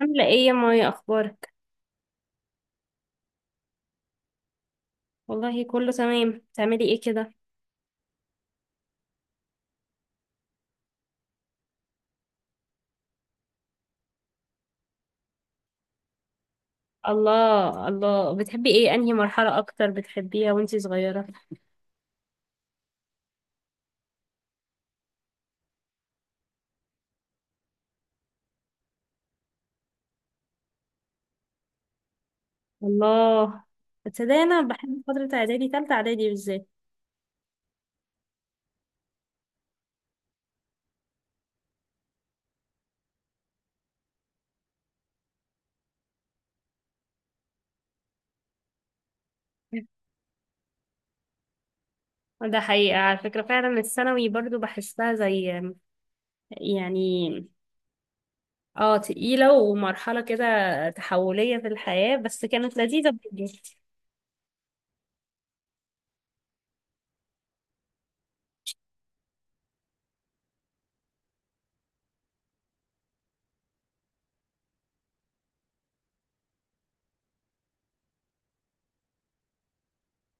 عاملة ايه يا مايا، اخبارك؟ والله كله تمام. بتعملي ايه كده؟ الله الله، بتحبي ايه؟ انهي مرحلة اكتر بتحبيها وانتي صغيرة؟ الله. تصدقي انا بحب فترة اعدادي، تالتة اعدادي بالذات. ده حقيقة، على فكرة فعلا الثانوي برضو بحسها زي يعني. اه، تقيلة ومرحلة كده تحولية في الحياة، بس كانت لذيذة بجد.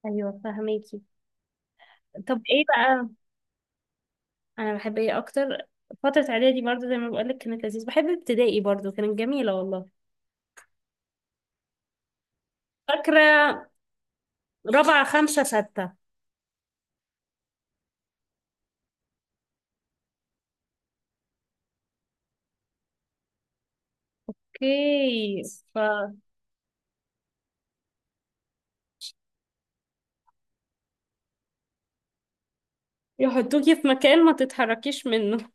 ايوه، فهميكي. طب ايه بقى؟ انا بحب ايه اكتر؟ فترة اعدادي برضه، زي ما بقولك كانت لذيذة. بحب ابتدائي برضه، كانت جميلة والله. فاكرة. رابعة، خمسة، ستة. اوكي. ف يحطوكي في مكان ما تتحركيش منه.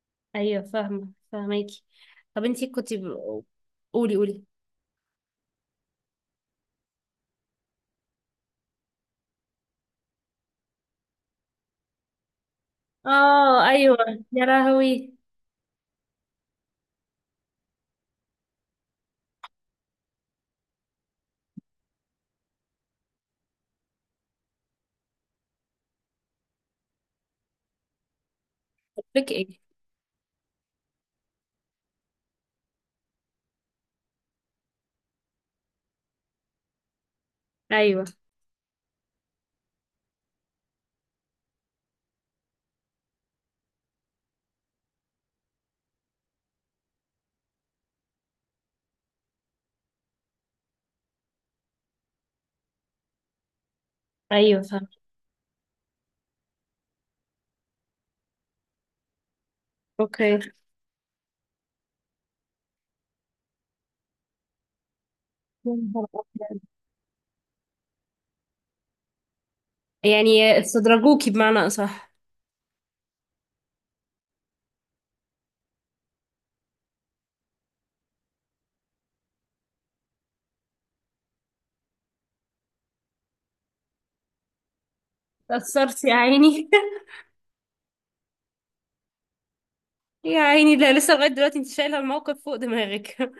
ايوه، فاهمة فاهماكي. طب انتي كنتي. قولي، قولي. اه، ايوه. يا لهوي. بك ايه؟ ايوه، ايوه، فاهمة. اوكي، يا نهار أبيض. يعني استدرجوكي، بمعنى اصح. تأثرتي يا عيني. يا عيني، لا لسه لغاية دلوقتي انت شايلة الموقف فوق دماغك.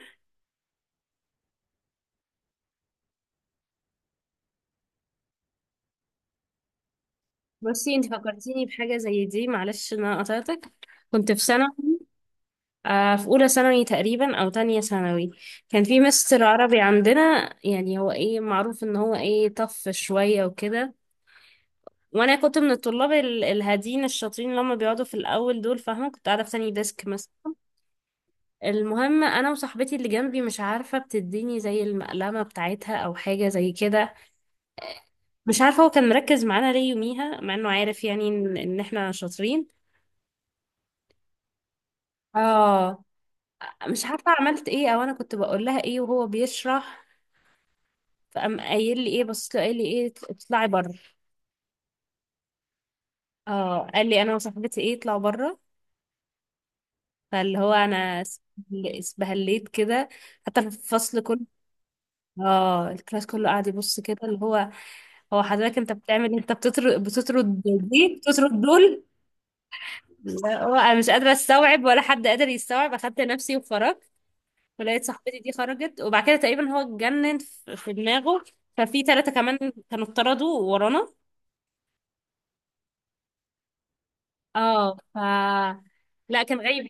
بصي، انت فكرتيني بحاجة زي دي. معلش ان انا قطعتك. كنت في سنة في أولى ثانوي تقريبا أو تانية ثانوي. كان في مستر عربي عندنا، يعني هو إيه معروف إن هو إيه طف شوية وكده. وأنا كنت من الطلاب الهادين الشاطرين اللي هم بيقعدوا في الأول دول، فاهمة؟ كنت قاعدة في تاني ديسك مثلا. المهم أنا وصاحبتي اللي جنبي، مش عارفة بتديني زي المقلمة بتاعتها أو حاجة زي كده. مش عارفة هو كان مركز معانا ليه يوميها، مع إنه عارف يعني إن إحنا شاطرين. اه. مش عارفة عملت ايه او انا كنت بقول لها ايه وهو بيشرح. فقام قايل لي ايه، بصيت له قايل لي ايه، اطلعي بره. اه، قال لي انا وصاحبتي ايه، اطلعوا بره. فاللي هو انا اسبهليت كده، حتى في الفصل كله. اه الكلاس كله قاعد يبص كده، اللي هو: هو حضرتك انت بتعمل إيه؟ انت بتطرد، بتطرد؟ دي بتطرد دول؟ لا، هو انا مش قادرة استوعب، ولا حد قادر يستوعب. اخدت نفسي وخرجت، ولقيت صاحبتي دي خرجت. وبعد كده تقريبا هو اتجنن في دماغه، ففي ثلاثة كمان كانوا اتطردوا ورانا. اه لا كان غايب.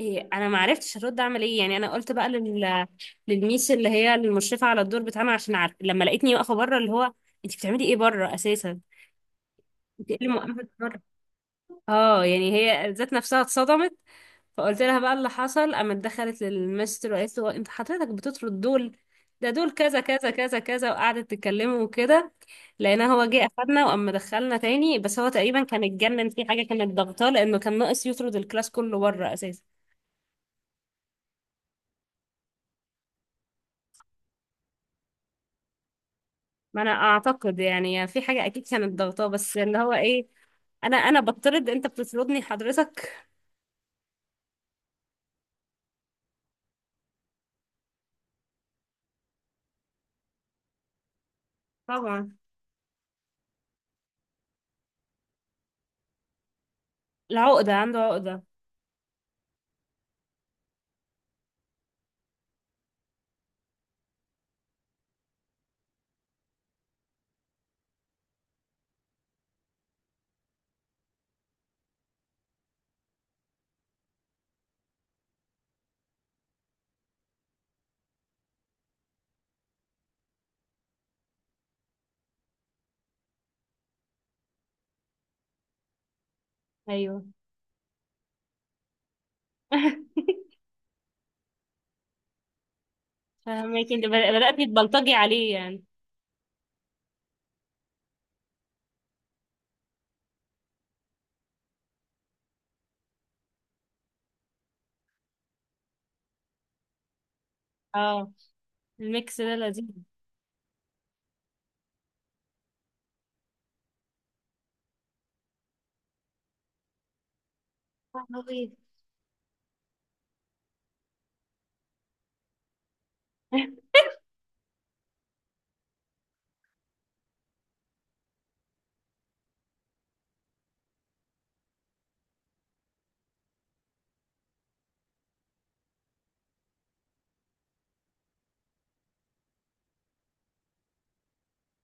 إيه، انا ما عرفتش ارد اعمل ايه. يعني انا قلت بقى للميس اللي هي المشرفه على الدور بتاعنا، عشان عارف لما لقيتني واقفه بره اللي هو: انت بتعملي ايه بره اساسا، انت ايه اللي موقفك بره؟ اه يعني هي ذات نفسها اتصدمت. فقلت لها بقى اللي حصل، قامت دخلت للمستر وقالت له: انت حضرتك بتطرد دول؟ ده دول كذا كذا كذا كذا. وقعدت تكلمه وكده. لقينا هو جه اخدنا وقام دخلنا تاني، بس هو تقريبا كان اتجنن في حاجه كانت ضغطاه، لانه كان ناقص يطرد الكلاس كله بره اساسا. ما انا اعتقد يعني في حاجه اكيد كانت ضغطاه، بس اللي هو ايه، انا بطرد؟ انت بتطردني حضرتك؟ طبعا، العقده عنده عقده. ايوه. فهماكي، انت بدأتي تبلطجي عليه يعني. اه، الميكس ده لذيذ. عبيط.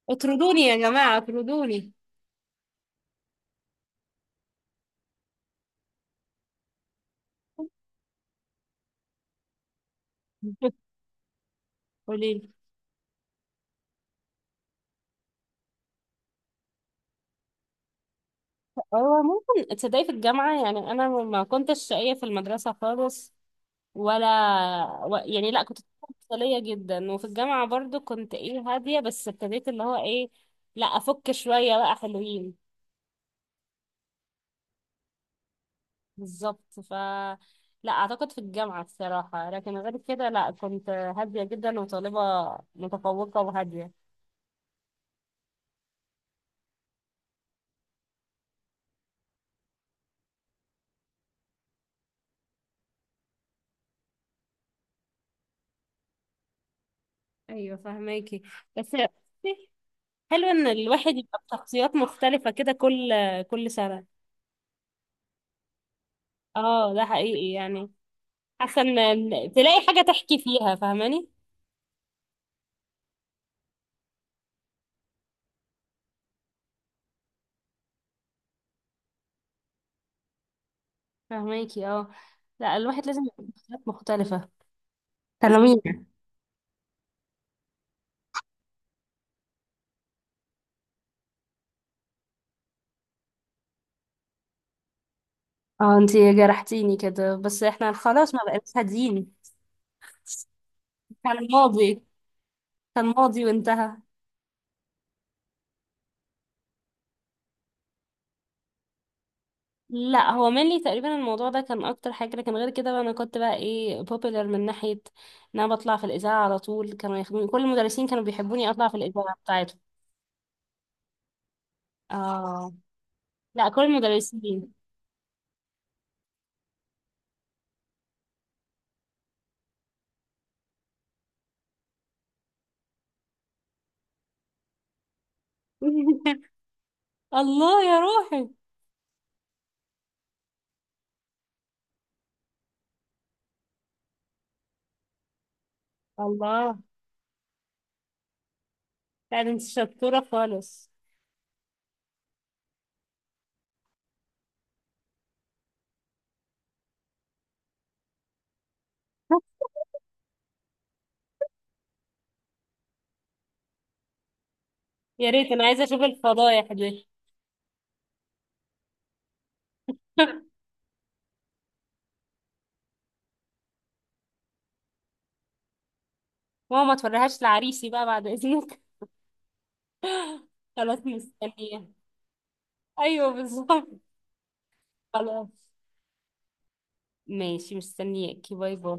اطردوني يا جماعة، اطردوني. قولي لي. هو ممكن تصدقي في الجامعة، يعني أنا ما كنتش شقية في المدرسة خالص، ولا يعني، لا كنت مفصلية جدا. وفي الجامعة برضو كنت ايه، هادية، بس ابتديت اللي هو ايه، لا أفك شوية بقى حلوين. بالظبط لا أعتقد في الجامعة الصراحة، لكن غير كده لا كنت هادية جدا، وطالبة متفوقة وهادية. ايوه، فهماكي. بس حلو ان الواحد يبقى بشخصيات مختلفة كده، كل سنة. اه ده حقيقي يعني، حاسة ان تلاقي حاجة تحكي فيها، فاهماني؟ فاهماكي اه. لا، الواحد لازم يبقى بشخصيات مختلفة. تلاميذ. اه، انتي جرحتيني كده، بس احنا خلاص ما بقيناش هاديين. كان ماضي، كان ماضي وانتهى. لا هو mainly تقريبا الموضوع ده كان اكتر حاجه، لكن غير كده بقى انا كنت بقى ايه popular، من ناحيه ان انا بطلع في الاذاعه على طول، كانوا ياخدوني كل المدرسين كانوا بيحبوني اطلع في الاذاعه بتاعتهم. اه، لا، كل المدرسين. الله يا روحي. الله. لا ده انت شطورة خالص. يا ريت انا عايزة اشوف الفضايح دي. ماما ما توريهاش لعريسي بقى بعد اذنك. خلاص مستنية. ايوه بالظبط، خلاص. ماشي، مستنياكي، باي باي.